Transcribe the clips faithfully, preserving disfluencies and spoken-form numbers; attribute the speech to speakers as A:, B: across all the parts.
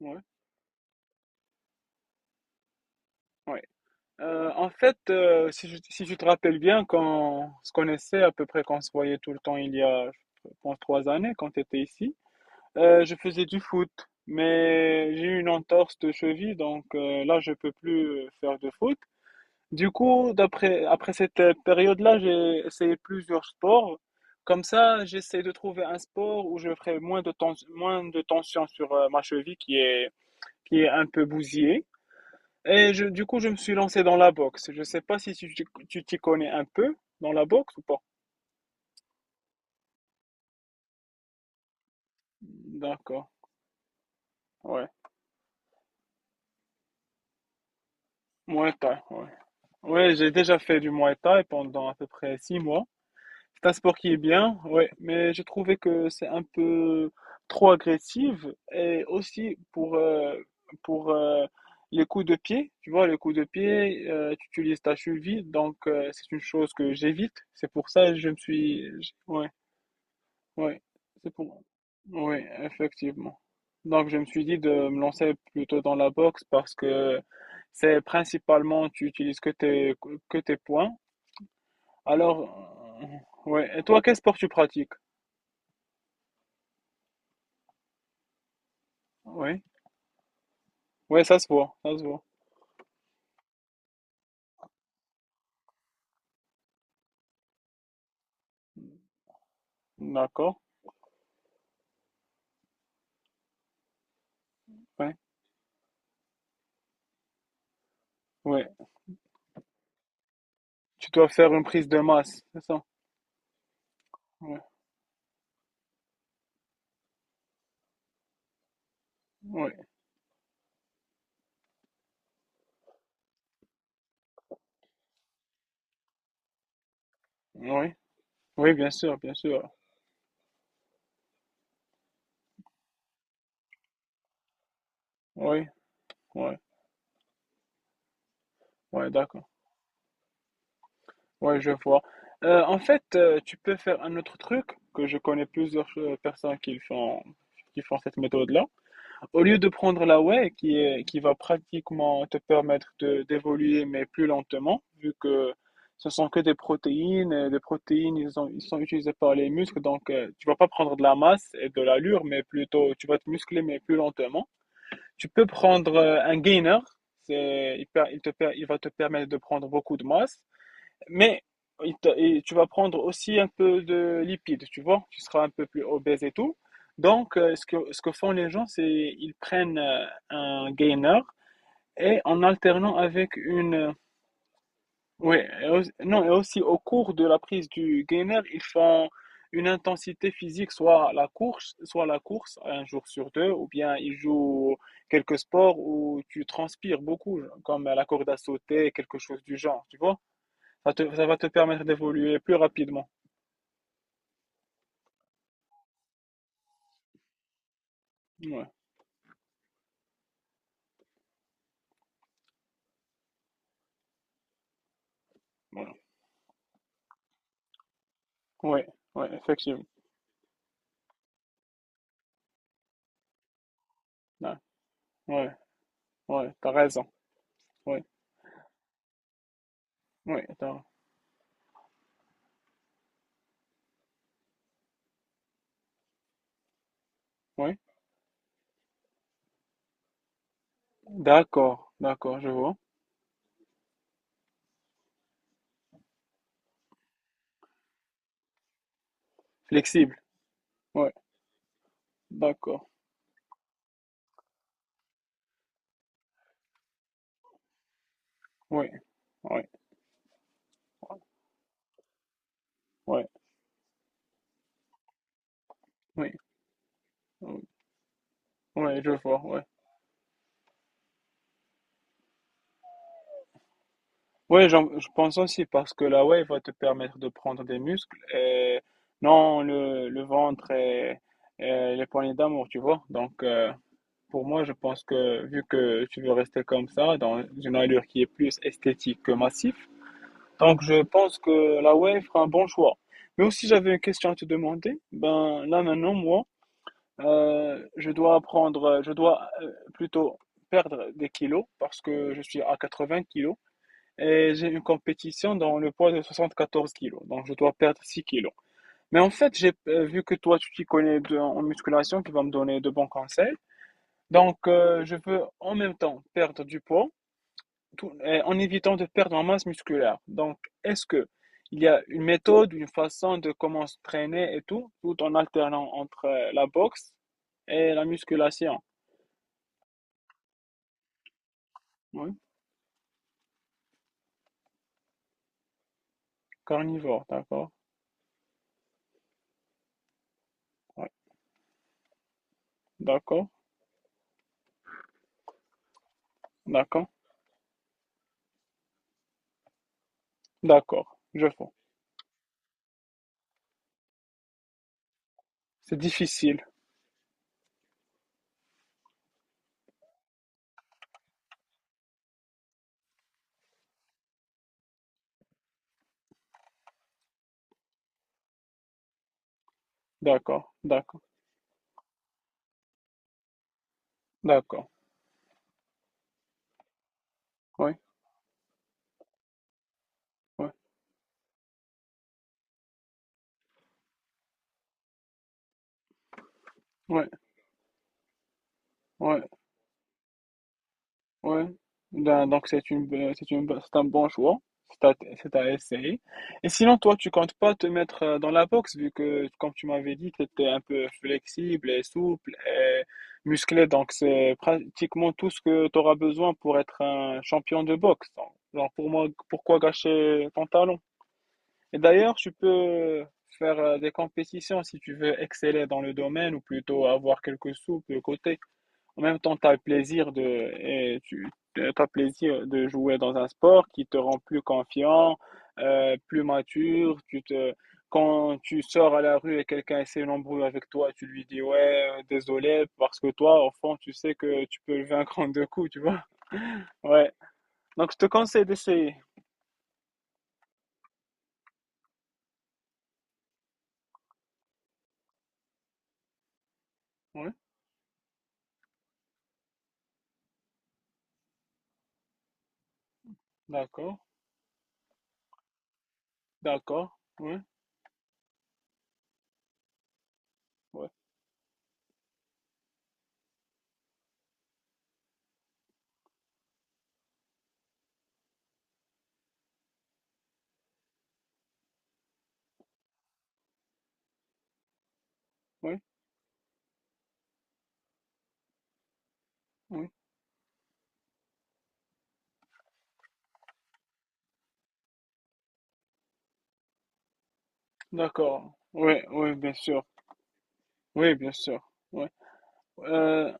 A: Ouais, ouais. Euh, en fait, euh, si je, si je te rappelle bien, quand on se connaissait à peu près, quand se voyait tout le temps il y a, je pense, trois années, quand tu étais ici, euh, je faisais du foot, mais j'ai eu une entorse de cheville, donc euh, là, je peux plus euh, faire de foot. Du coup, d'après, après cette euh, période-là, j'ai essayé plusieurs sports. Comme ça, j'essaie de trouver un sport où je ferai moins de tens- moins de tension sur euh, ma cheville qui est, qui est un peu bousillée. Et je, du coup, je me suis lancé dans la boxe. Je sais pas si tu, tu t'y connais un peu dans la boxe ou pas. D'accord, ouais. Muay Thai, ouais. Ouais, j'ai déjà fait du Muay Thai pendant à peu près six mois. C'est un sport qui est bien, ouais, mais j'ai trouvé que c'est un peu trop agressif et aussi pour, euh, pour euh, les coups de pied, tu vois, les coups de pied, euh, tu utilises ta cheville, donc euh, c'est une chose que j'évite. C'est pour ça que je me suis, j- ouais, ouais, c'est pour, ouais, effectivement. Donc je me suis dit de me lancer plutôt dans la boxe parce que c'est principalement tu utilises que tes que tes poings. Alors, euh, ouais. Et toi, quel sport tu pratiques? Oui, ouais, ça se voit, ça se voit. D'accord. Ouais, ouais. Tu dois faire une prise de masse, c'est ça? Oui, oui, oui, Oui, bien sûr, bien sûr. Oui, oui, oui, d'accord. Oui, je vois. Euh, en fait, euh, tu peux faire un autre truc que je connais plusieurs euh, personnes qui le font, qui font cette méthode-là. Au lieu de prendre la whey qui est, qui va pratiquement te permettre de, d'évoluer, mais plus lentement, vu que ce sont que des protéines, et des protéines, ils sont, ils sont utilisés par les muscles, donc euh, tu vas pas prendre de la masse et de l'allure, mais plutôt, tu vas te muscler, mais plus lentement. Tu peux prendre euh, un gainer, c'est, il, per- il te per- il va te permettre de prendre beaucoup de masse, mais il te- et tu vas prendre aussi un peu de lipides, tu vois, tu seras un peu plus obèse et tout. Donc, euh, ce que, ce que font les gens, c'est ils prennent euh, un gainer et en alternant avec une... euh, ouais, et au- non, et aussi au cours de la prise du gainer, ils font une intensité physique, soit la course, soit la course, un jour sur deux, ou bien ils jouent quelques sports où tu transpires beaucoup, comme la corde à sauter, quelque chose du genre, tu vois. Ça te, ça va te permettre d'évoluer plus rapidement. Ouais, ouais, ouais, ouais, effectivement. Ouais, ouais, ouais, t'as raison. Ouais, ouais, t'as- ouais. D'accord, d'accord, je vois. Flexible. Ouais, d'accord. Ouais, ouais, ouais, ouais, ouais, ouais, je vois. Ouais. Ouais, j'en- je pense aussi parce que la wave va te permettre de prendre des muscles et non le, le ventre et, et les poignées d'amour, tu vois. Donc, euh, pour moi, je pense que vu que tu veux rester comme ça, dans une allure qui est plus esthétique que massif, donc je pense que la Wave fera un bon choix. Mais aussi, j'avais une question à te demander. Ben là maintenant, moi, euh, je dois prendre, je dois euh, plutôt perdre des kilos parce que je suis à quatre-vingts kilos et j'ai une compétition dans le poids de soixante-quatorze kilos, donc je dois perdre six kilos. Mais en fait, j'ai euh, vu que toi, tu t'y connais de- en musculation, qui va me donner de bons conseils. Donc, euh, je veux en même temps perdre du poids tout- euh, en évitant de perdre en masse musculaire. Donc, est-ce que il y a une méthode, une façon de comment se traîner et tout, tout en alternant entre euh, la boxe et la musculation? Oui, carnivore, d'accord. Ouais. D'accord, d'accord, d'accord, je vois. C'est difficile, d'accord, d'accord, d'accord. Oui, oui, oui, oui. Ouais, ben, donc c'est une, bo- c'est une, bo- c'est un bon choix, c'est à, c'est à essayer. Et sinon, toi, tu comptes pas te mettre euh, dans la boxe, vu que, comme tu m'avais dit, tu étais un peu flexible et souple et musclé, donc c'est pratiquement tout ce que tu auras besoin pour être un champion de boxe. Donc, genre, pour moi, pourquoi gâcher ton talent? Et d'ailleurs, tu peux faire euh, des compétitions si tu veux exceller dans le domaine ou plutôt avoir quelques sous de côté. En même temps, tu as le plaisir de, et tu, t'as plaisir de jouer dans un sport qui te rend plus confiant, euh, plus mature. Tu te, quand tu sors à la rue et quelqu'un essaie une embrouille avec toi, tu lui dis ouais, euh, désolé, parce que toi, au fond, tu sais que tu peux le vaincre en deux coups, tu vois. Ouais. Donc, je te conseille d'essayer. Oui, d'accord, d'accord. Oui, oui, oui, oui, d'accord. Oui, oui, bien sûr. Oui, bien sûr. Oui, euh,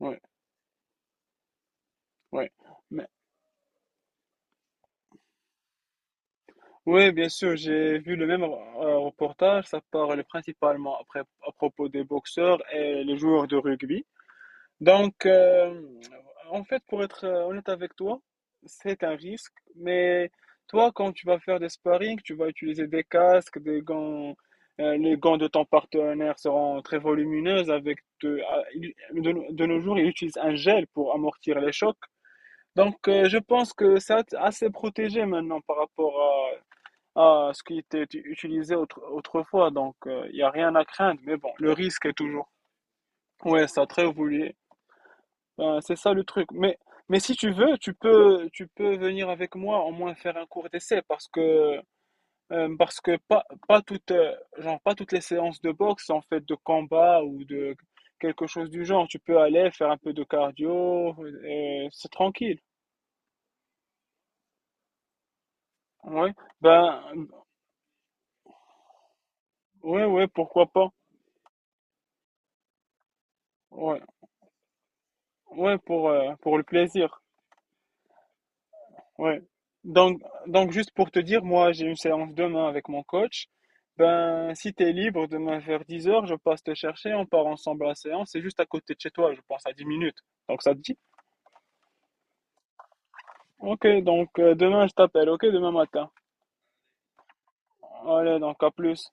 A: oui, oui. Oui, bien sûr, j'ai vu le même euh, reportage. Ça parle principalement après, à propos des boxeurs et les joueurs de rugby. Donc, euh, en fait, pour être euh, honnête avec toi, c'est un risque. Mais toi, quand tu vas faire des sparring, tu vas utiliser des casques, des gants. euh, les gants de ton partenaire seront très volumineux. Avec de, ah, il- de, de nos jours, ils utilisent un gel pour amortir les chocs. Donc, euh, je pense que c'est assez protégé maintenant par rapport à ce qui était utilisé autre- autrefois. Donc, il n'y a rien à craindre. Mais bon, le risque est toujours. Ouais, ça a très voulu. Euh, c'est ça le truc. Mais, mais si tu veux, tu peux, tu peux venir avec moi au moins faire un cours d'essai parce que, euh, parce que pas, pas toutes, euh, genre, pas toutes les séances de boxe sont faites de combat ou de quelque chose du genre. Tu peux aller faire un peu de cardio, euh, c'est tranquille. Ouais, ben, ouais, ouais, pourquoi pas. Ouais, ouais, pour, euh, pour le plaisir. Ouais. Donc, donc juste pour te dire, moi j'ai une séance demain avec mon coach. Ben, si t'es libre demain vers dix heures, je passe te chercher, on part ensemble à la séance. C'est juste à côté de chez toi, je pense à dix minutes. Donc ça te dit? Ok, donc euh, demain je t'appelle, ok, demain matin. Allez, donc à plus.